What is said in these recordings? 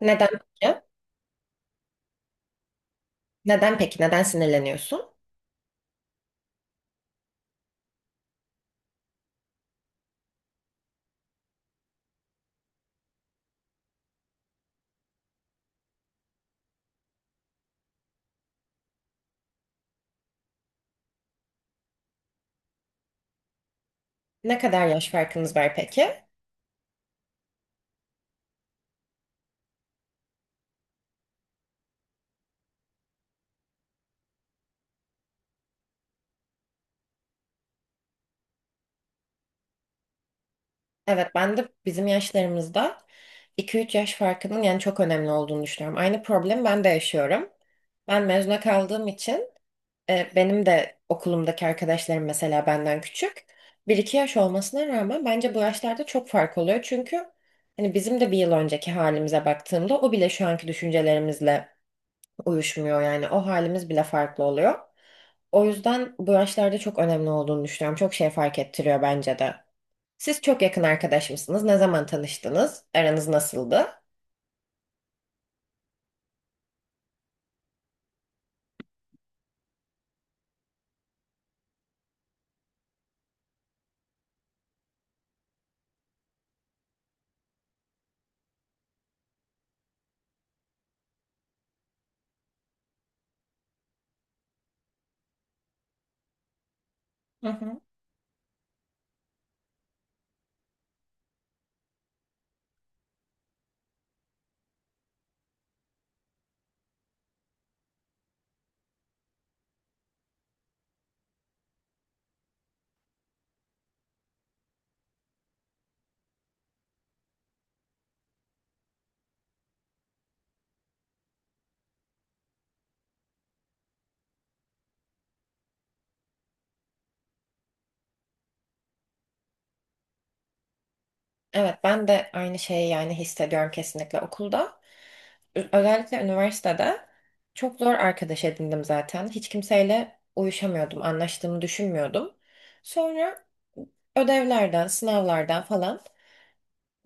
Neden peki? Neden peki? Neden sinirleniyorsun? Ne kadar yaş farkınız var peki? Evet, ben de bizim yaşlarımızda iki üç yaş farkının yani çok önemli olduğunu düşünüyorum. Aynı problemi ben de yaşıyorum. Ben mezuna kaldığım için benim de okulumdaki arkadaşlarım mesela benden küçük. Bir iki yaş olmasına rağmen bence bu yaşlarda çok fark oluyor. Çünkü hani bizim de bir yıl önceki halimize baktığımda o bile şu anki düşüncelerimizle uyuşmuyor. Yani o halimiz bile farklı oluyor. O yüzden bu yaşlarda çok önemli olduğunu düşünüyorum. Çok şey fark ettiriyor bence de. Siz çok yakın arkadaş mısınız? Ne zaman tanıştınız? Aranız nasıldı? Hı hı. Evet, ben de aynı şeyi yani hissediyorum kesinlikle okulda. Özellikle üniversitede çok zor arkadaş edindim zaten. Hiç kimseyle uyuşamıyordum, anlaştığımı düşünmüyordum. Sonra ödevlerden, sınavlardan falan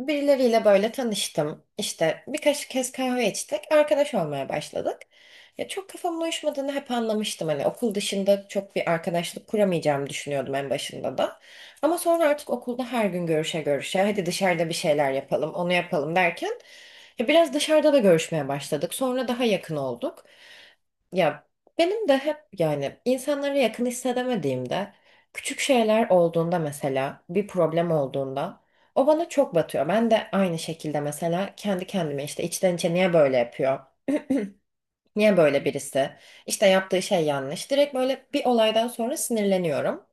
birileriyle böyle tanıştım. İşte birkaç kez kahve içtik. Arkadaş olmaya başladık. Ya çok kafamın uyuşmadığını hep anlamıştım. Hani okul dışında çok bir arkadaşlık kuramayacağımı düşünüyordum en başında da. Ama sonra artık okulda her gün görüşe görüşe hadi dışarıda bir şeyler yapalım, onu yapalım derken ya biraz dışarıda da görüşmeye başladık. Sonra daha yakın olduk. Ya benim de hep yani insanlara yakın hissedemediğimde küçük şeyler olduğunda, mesela bir problem olduğunda, o bana çok batıyor. Ben de aynı şekilde mesela kendi kendime işte içten içe niye böyle yapıyor? Niye böyle birisi? İşte yaptığı şey yanlış. Direkt böyle bir olaydan sonra sinirleniyorum.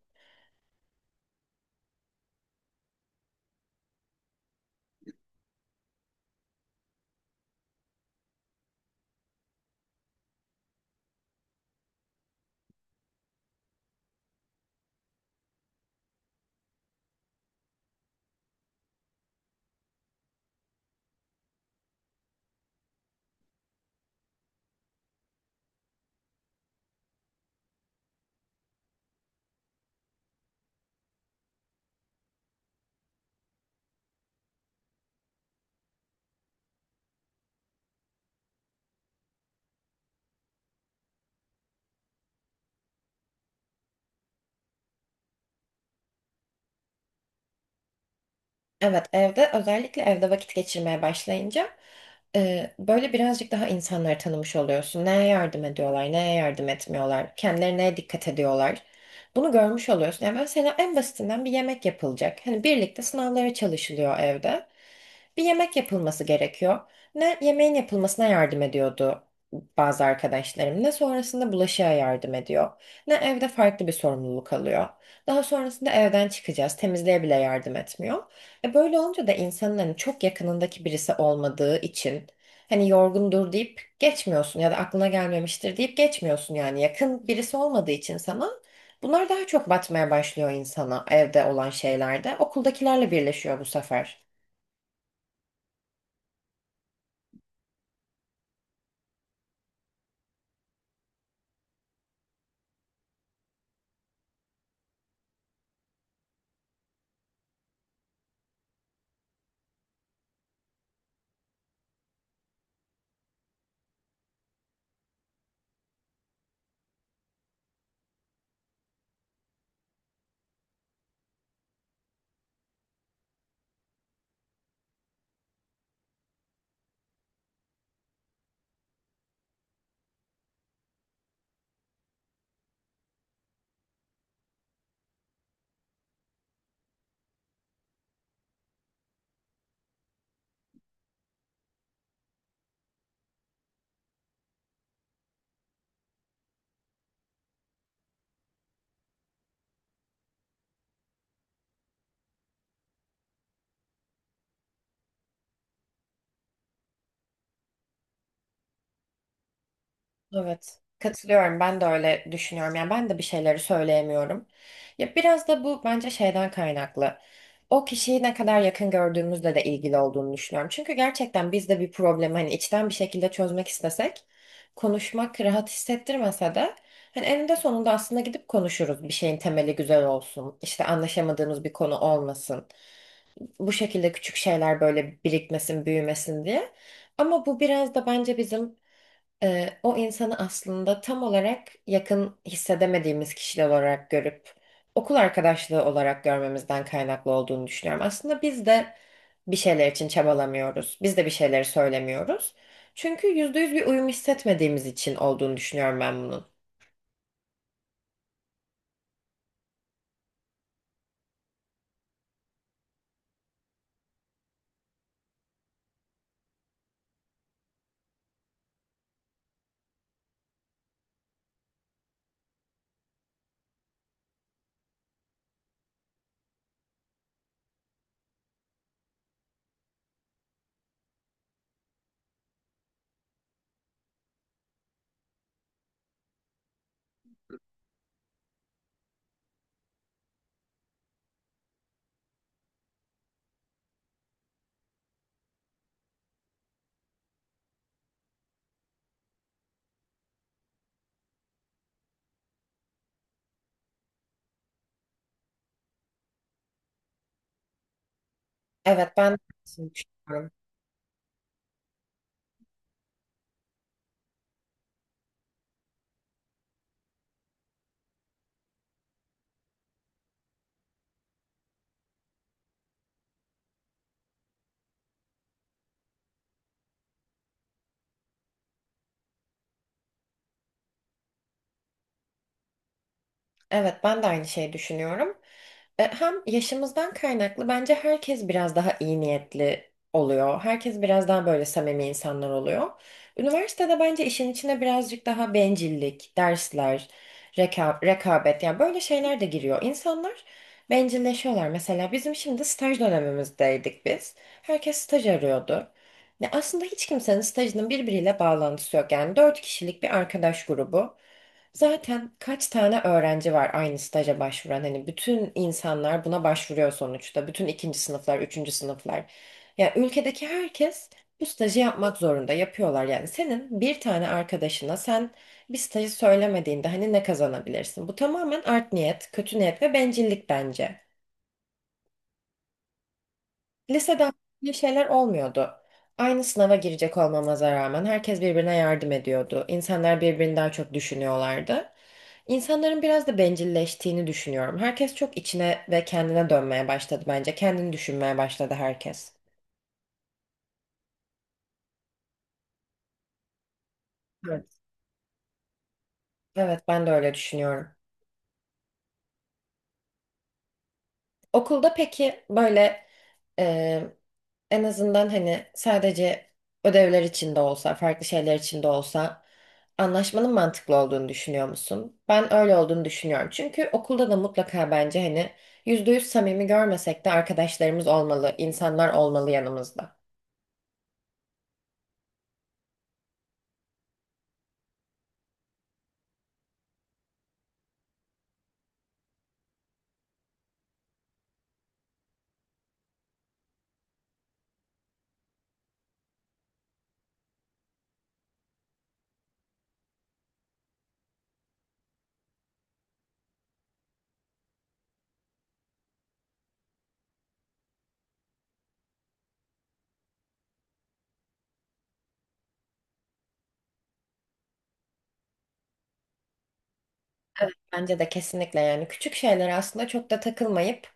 Evet, evde özellikle evde vakit geçirmeye başlayınca böyle birazcık daha insanları tanımış oluyorsun. Neye yardım ediyorlar, neye yardım etmiyorlar, kendilerine neye dikkat ediyorlar. Bunu görmüş oluyorsun. Yani mesela en basitinden bir yemek yapılacak. Hani birlikte sınavlara çalışılıyor evde. Bir yemek yapılması gerekiyor. Ne yemeğin yapılmasına yardım ediyordu bazı arkadaşlarım, ne sonrasında bulaşığa yardım ediyor, ne evde farklı bir sorumluluk alıyor. Daha sonrasında evden çıkacağız, temizliğe bile yardım etmiyor. E böyle olunca da insanın hani çok yakınındaki birisi olmadığı için hani yorgundur deyip geçmiyorsun ya da aklına gelmemiştir deyip geçmiyorsun, yani yakın birisi olmadığı için sana bunlar daha çok batmaya başlıyor, insana evde olan şeylerde okuldakilerle birleşiyor bu sefer. Evet, katılıyorum. Ben de öyle düşünüyorum. Yani ben de bir şeyleri söyleyemiyorum. Ya biraz da bu bence şeyden kaynaklı. O kişiyi ne kadar yakın gördüğümüzle de ilgili olduğunu düşünüyorum. Çünkü gerçekten biz de bir problemi hani içten bir şekilde çözmek istesek, konuşmak rahat hissettirmese de hani eninde sonunda aslında gidip konuşuruz. Bir şeyin temeli güzel olsun, işte anlaşamadığımız bir konu olmasın. Bu şekilde küçük şeyler böyle birikmesin, büyümesin diye. Ama bu biraz da bence bizim o insanı aslında tam olarak yakın hissedemediğimiz kişiler olarak görüp okul arkadaşlığı olarak görmemizden kaynaklı olduğunu düşünüyorum. Aslında biz de bir şeyler için çabalamıyoruz. Biz de bir şeyleri söylemiyoruz. Çünkü yüzde yüz bir uyum hissetmediğimiz için olduğunu düşünüyorum ben bunun. Evet, ben de aynısını düşünüyorum. Evet, ben de aynı şeyi düşünüyorum. Hem yaşımızdan kaynaklı bence herkes biraz daha iyi niyetli oluyor. Herkes biraz daha böyle samimi insanlar oluyor. Üniversitede bence işin içine birazcık daha bencillik, dersler, rekabet, yani böyle şeyler de giriyor. İnsanlar bencilleşiyorlar. Mesela bizim şimdi staj dönemimizdeydik biz. Herkes staj arıyordu. Ne aslında hiç kimsenin stajının birbiriyle bağlantısı yok. Yani dört kişilik bir arkadaş grubu. Zaten kaç tane öğrenci var aynı staja başvuran? Hani bütün insanlar buna başvuruyor sonuçta. Bütün ikinci sınıflar, üçüncü sınıflar. Yani ülkedeki herkes bu stajı yapmak zorunda. Yapıyorlar yani. Senin bir tane arkadaşına sen bir stajı söylemediğinde hani ne kazanabilirsin? Bu tamamen art niyet, kötü niyet ve bencillik bence. Lisede bir şeyler olmuyordu. Aynı sınava girecek olmamıza rağmen herkes birbirine yardım ediyordu. İnsanlar birbirini daha çok düşünüyorlardı. İnsanların biraz da bencilleştiğini düşünüyorum. Herkes çok içine ve kendine dönmeye başladı bence. Kendini düşünmeye başladı herkes. Evet. Evet, ben de öyle düşünüyorum. Okulda peki böyle, Ee, en azından hani sadece ödevler için de olsa, farklı şeyler için de olsa anlaşmanın mantıklı olduğunu düşünüyor musun? Ben öyle olduğunu düşünüyorum. Çünkü okulda da mutlaka bence hani yüzde yüz samimi görmesek de arkadaşlarımız olmalı, insanlar olmalı yanımızda. Evet, bence de kesinlikle, yani küçük şeylere aslında çok da takılmayıp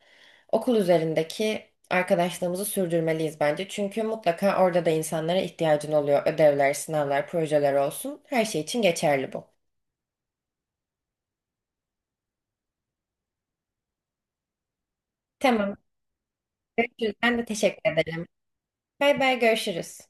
okul üzerindeki arkadaşlığımızı sürdürmeliyiz bence. Çünkü mutlaka orada da insanlara ihtiyacın oluyor. Ödevler, sınavlar, projeler olsun. Her şey için geçerli bu. Tamam. Görüşürüz. Ben de teşekkür ederim. Bay bay, görüşürüz.